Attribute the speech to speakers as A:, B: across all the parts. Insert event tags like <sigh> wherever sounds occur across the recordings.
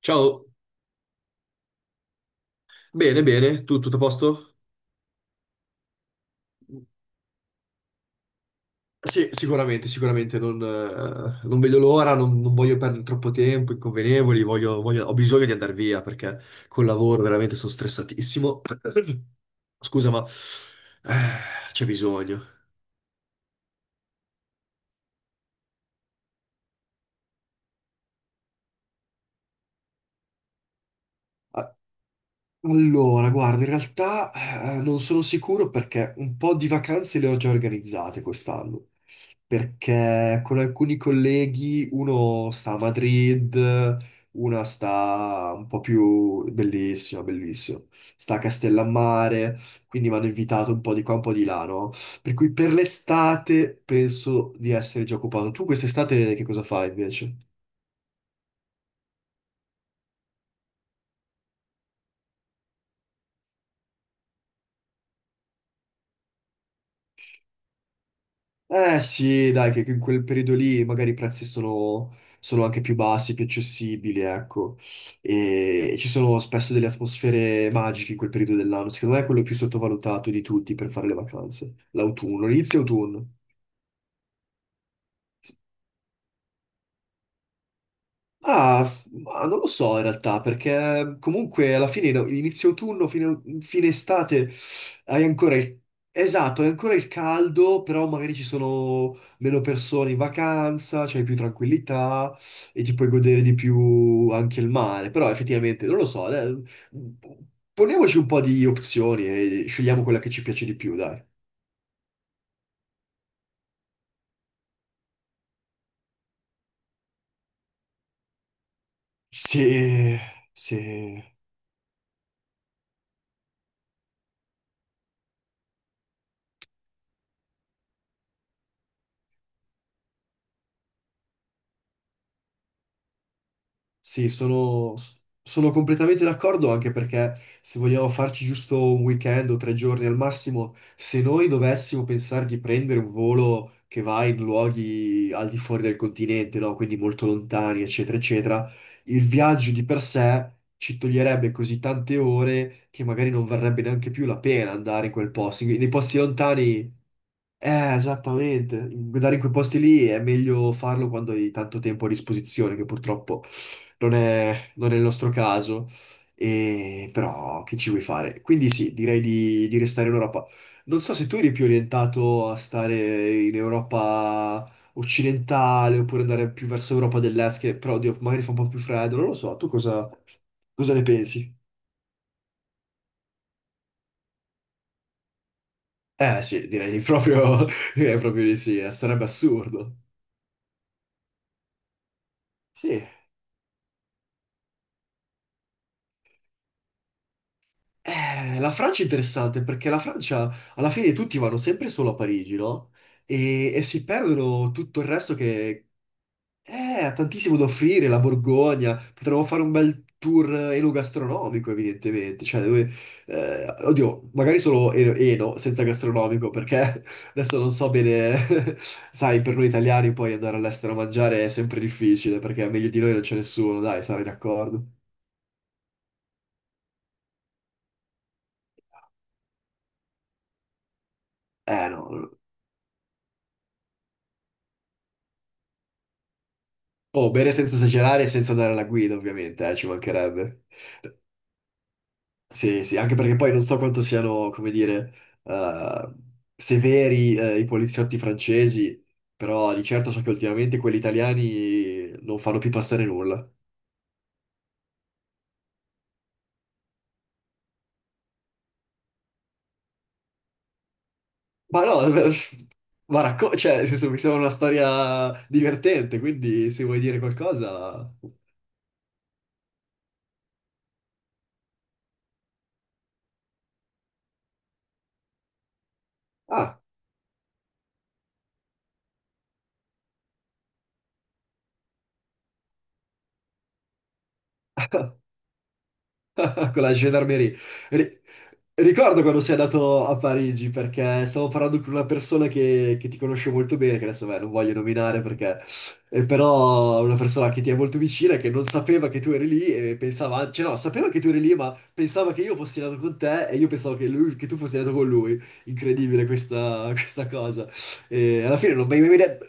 A: Ciao, bene, bene, tu tutto a posto? Sì, sicuramente, sicuramente, non vedo l'ora, non voglio perdere troppo tempo, inconvenevoli, ho bisogno di andare via perché col lavoro veramente sono stressatissimo. <clears throat> <coughs> Scusa, ma c'è bisogno. Ah, allora, guarda, in realtà non sono sicuro perché un po' di vacanze le ho già organizzate quest'anno. Perché con alcuni colleghi uno sta a Madrid, una sta un po' più bellissimo, sta a Castellammare, quindi mi hanno invitato un po' di qua, un po' di là, no? Per cui per l'estate penso di essere già occupato. Tu quest'estate che cosa fai invece? Eh sì, dai, che in quel periodo lì magari i prezzi sono anche più bassi, più accessibili, ecco. E ci sono spesso delle atmosfere magiche in quel periodo dell'anno. Secondo me è quello più sottovalutato di tutti per fare le vacanze. L'autunno, l'inizio autunno. Ah, ma non lo so in realtà, perché comunque alla fine, no, inizio autunno, fine estate, hai ancora il... Esatto, hai ancora il caldo, però magari ci sono meno persone in vacanza, c'hai più tranquillità e ti puoi godere di più anche il mare. Però effettivamente, non lo so, poniamoci un po' di opzioni e scegliamo quella che ci piace di più, dai. Se, se Sì, sono completamente d'accordo anche perché se vogliamo farci giusto un weekend o 3 giorni al massimo, se noi dovessimo pensare di prendere un volo che va in luoghi al di fuori del continente, no? Quindi molto lontani, eccetera, eccetera, il viaggio di per sé ci toglierebbe così tante ore che magari non varrebbe neanche più la pena andare in quel posto. Nei posti lontani esattamente. Andare in quei posti lì è meglio farlo quando hai tanto tempo a disposizione, che purtroppo non è il nostro caso. Però che ci vuoi fare? Quindi sì, direi di restare in Europa. Non so se tu eri più orientato a stare in Europa occidentale oppure andare più verso Europa dell'Est, che però oddio, magari fa un po' più freddo, non lo so. Tu cosa ne pensi? Eh sì, direi proprio, <laughs> direi proprio di sì, sarebbe assurdo. Sì. La Francia è interessante perché la Francia alla fine tutti vanno sempre solo a Parigi, no? E si perdono tutto il resto che eh, ha tantissimo da offrire. La Borgogna, potremmo fare un bel tour enogastronomico evidentemente. Cioè, dove, oddio, magari solo eno, senza gastronomico perché <laughs> adesso non so bene. <laughs> Sai, per noi italiani poi andare all'estero a mangiare è sempre difficile perché meglio di noi non c'è nessuno, dai, sarai d'accordo? Eh no. No, no. Oh, bere senza esagerare e senza andare alla guida, ovviamente, ci mancherebbe. Sì, sì, anche perché poi non so quanto siano, come dire, eh, severi, i poliziotti francesi, però di certo so che ultimamente quelli italiani non fanno più passare nulla. Ma no, <laughs> ma cioè, nel senso, mi sembra una storia divertente, quindi se vuoi dire qualcosa... Ah. <laughs> Con la gendarmerie. Ri- Ricordo quando sei andato a Parigi perché stavo parlando con una persona che ti conosce molto bene, che adesso, beh, non voglio nominare perché, però una persona che ti è molto vicina e che non sapeva che tu eri lì e pensava, cioè no, sapeva che tu eri lì ma pensava che io fossi andato con te e io pensavo che, lui, che tu fossi andato con lui. Incredibile questa, <laughs> questa cosa. E alla fine non mi hai mai detto,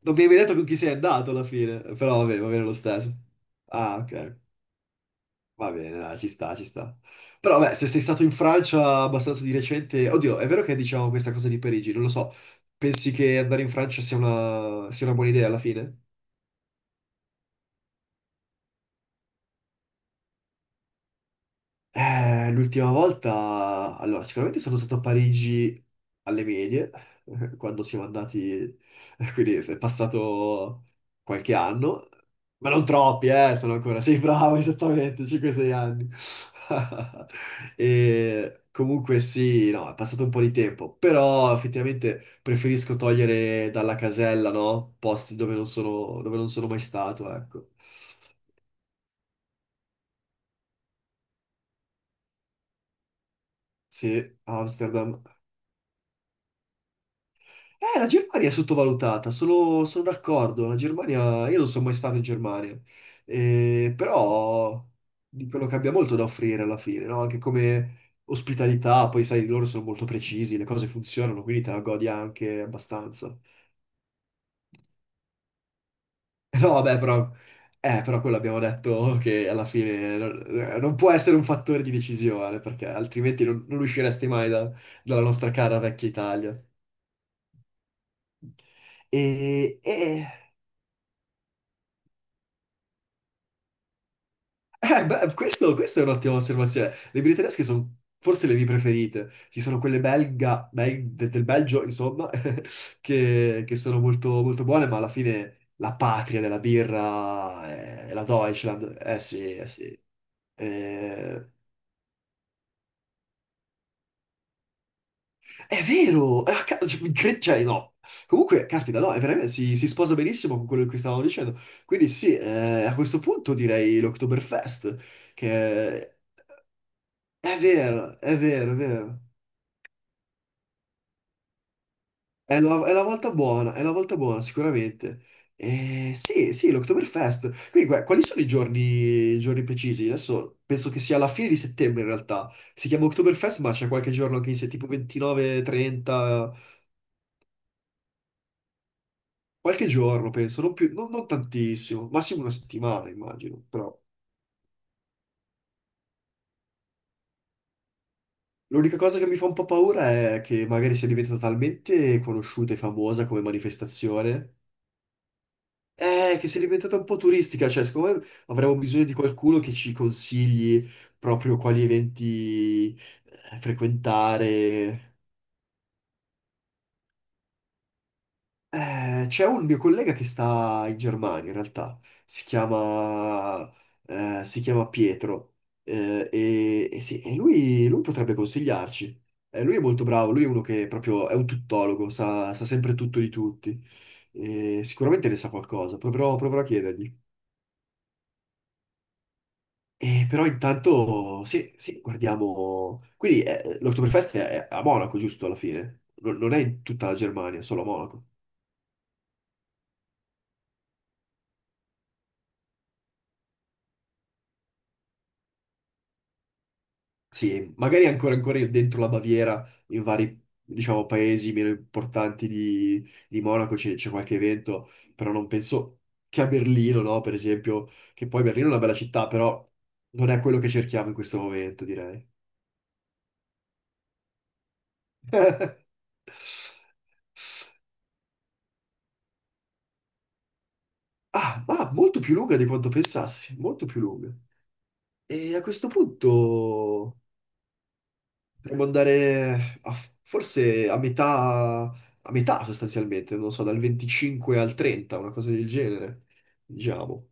A: non mi hai mai detto con chi sei andato alla fine, però vabbè, va bene lo stesso. Ah, ok. Va bene, dai, ci sta, ci sta. Però, beh, se sei stato in Francia abbastanza di recente, oddio, è vero che diciamo questa cosa di Parigi, non lo so. Pensi che andare in Francia sia una buona idea alla fine? L'ultima volta, allora, sicuramente sono stato a Parigi alle medie, <laughs> quando siamo andati, <laughs> quindi è passato qualche anno, ma non troppi, sono ancora, sei bravo, <laughs> esattamente, 5-6 anni. <laughs> E comunque sì, no, è passato un po' di tempo, però effettivamente preferisco togliere dalla casella, no? Posti dove non sono mai stato, ecco. Sì, Amsterdam. La Germania è sottovalutata, sono d'accordo. La Germania, io non sono mai stato in Germania. Però di quello che abbia molto da offrire alla fine, no? Anche come ospitalità, poi sai, loro sono molto precisi, le cose funzionano, quindi te la godi anche abbastanza. <laughs> No, vabbè, però quello abbiamo detto che alla fine non può essere un fattore di decisione, perché altrimenti non usciresti mai dalla nostra cara vecchia Italia. E, e- beh, questa è un'ottima osservazione. Le birre tedesche sono forse le mie preferite. Ci sono quelle belga, del Belgio, insomma, <laughs> che sono molto, molto buone, ma alla fine la patria della birra è la Deutschland. Eh sì, eh sì. Eh, è vero! Cioè, no. Comunque, caspita, no, è veramente, si sposa benissimo con quello che stavamo dicendo. Quindi sì, a questo punto direi l'Oktoberfest, che è vero, è vero, è vero. È la volta buona, è la volta buona, sicuramente. Sì, sì, l'Oktoberfest. Quindi, quali sono i giorni precisi? Adesso penso che sia alla fine di settembre, in realtà. Si chiama Oktoberfest, ma c'è qualche giorno anche in se tipo 29, 30, qualche giorno, penso, non più, non tantissimo, massimo una settimana, immagino. Però l'unica cosa che mi fa un po' paura è che magari sia diventata talmente conosciuta e famosa come manifestazione. Che sia diventata un po' turistica, cioè secondo me avremo bisogno di qualcuno che ci consigli proprio quali eventi frequentare. C'è un mio collega che sta in Germania in realtà, si chiama, si chiama Pietro, e sì, e lui potrebbe consigliarci. Lui è molto bravo, lui è uno che proprio è un tuttologo, sa sempre tutto di tutti. E sicuramente ne sa qualcosa, proverò a chiedergli. Però intanto, sì, sì, guardiamo... Quindi l'Oktoberfest è a Monaco, giusto, alla fine? Non è in tutta la Germania, solo a Monaco. Sì, magari ancora dentro la Baviera, in vari, diciamo, paesi meno importanti di Monaco c'è qualche evento, però non penso che a Berlino, no, per esempio, che poi Berlino è una bella città, però non è quello che cerchiamo in questo momento, direi. <laughs> Ah, ma molto più lunga di quanto pensassi, molto più lunga. E a questo punto... Potremmo andare forse a metà sostanzialmente, non so, dal 25 al 30, una cosa del genere, diciamo.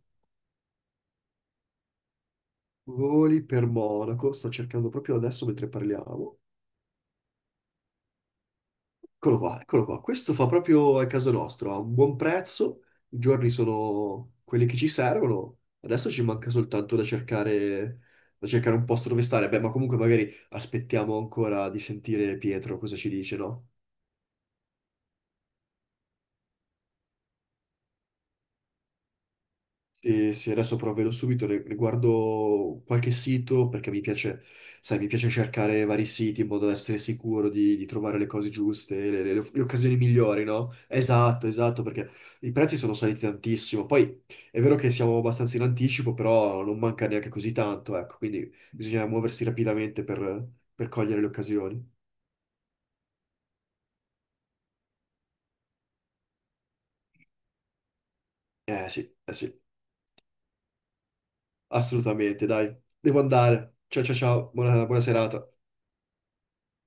A: Voli per Monaco, sto cercando proprio adesso mentre parliamo. Eccolo qua, eccolo qua. Questo fa proprio a caso nostro, ha un buon prezzo, i giorni sono quelli che ci servono. Adesso ci manca soltanto da cercare un posto dove stare. Beh, ma comunque magari aspettiamo ancora di sentire Pietro cosa ci dice, no? Sì, sì, adesso provvedo subito, riguardo qualche sito perché mi piace, sai, mi piace cercare vari siti in modo da essere sicuro di trovare le cose giuste, le occasioni migliori, no? Esatto, esatto, perché i prezzi sono saliti tantissimo. Poi è vero che siamo abbastanza in anticipo, però non manca neanche così tanto, ecco, quindi bisogna muoversi rapidamente per cogliere le occasioni. Sì, eh sì, assolutamente, dai, devo andare. Ciao ciao ciao, buona serata.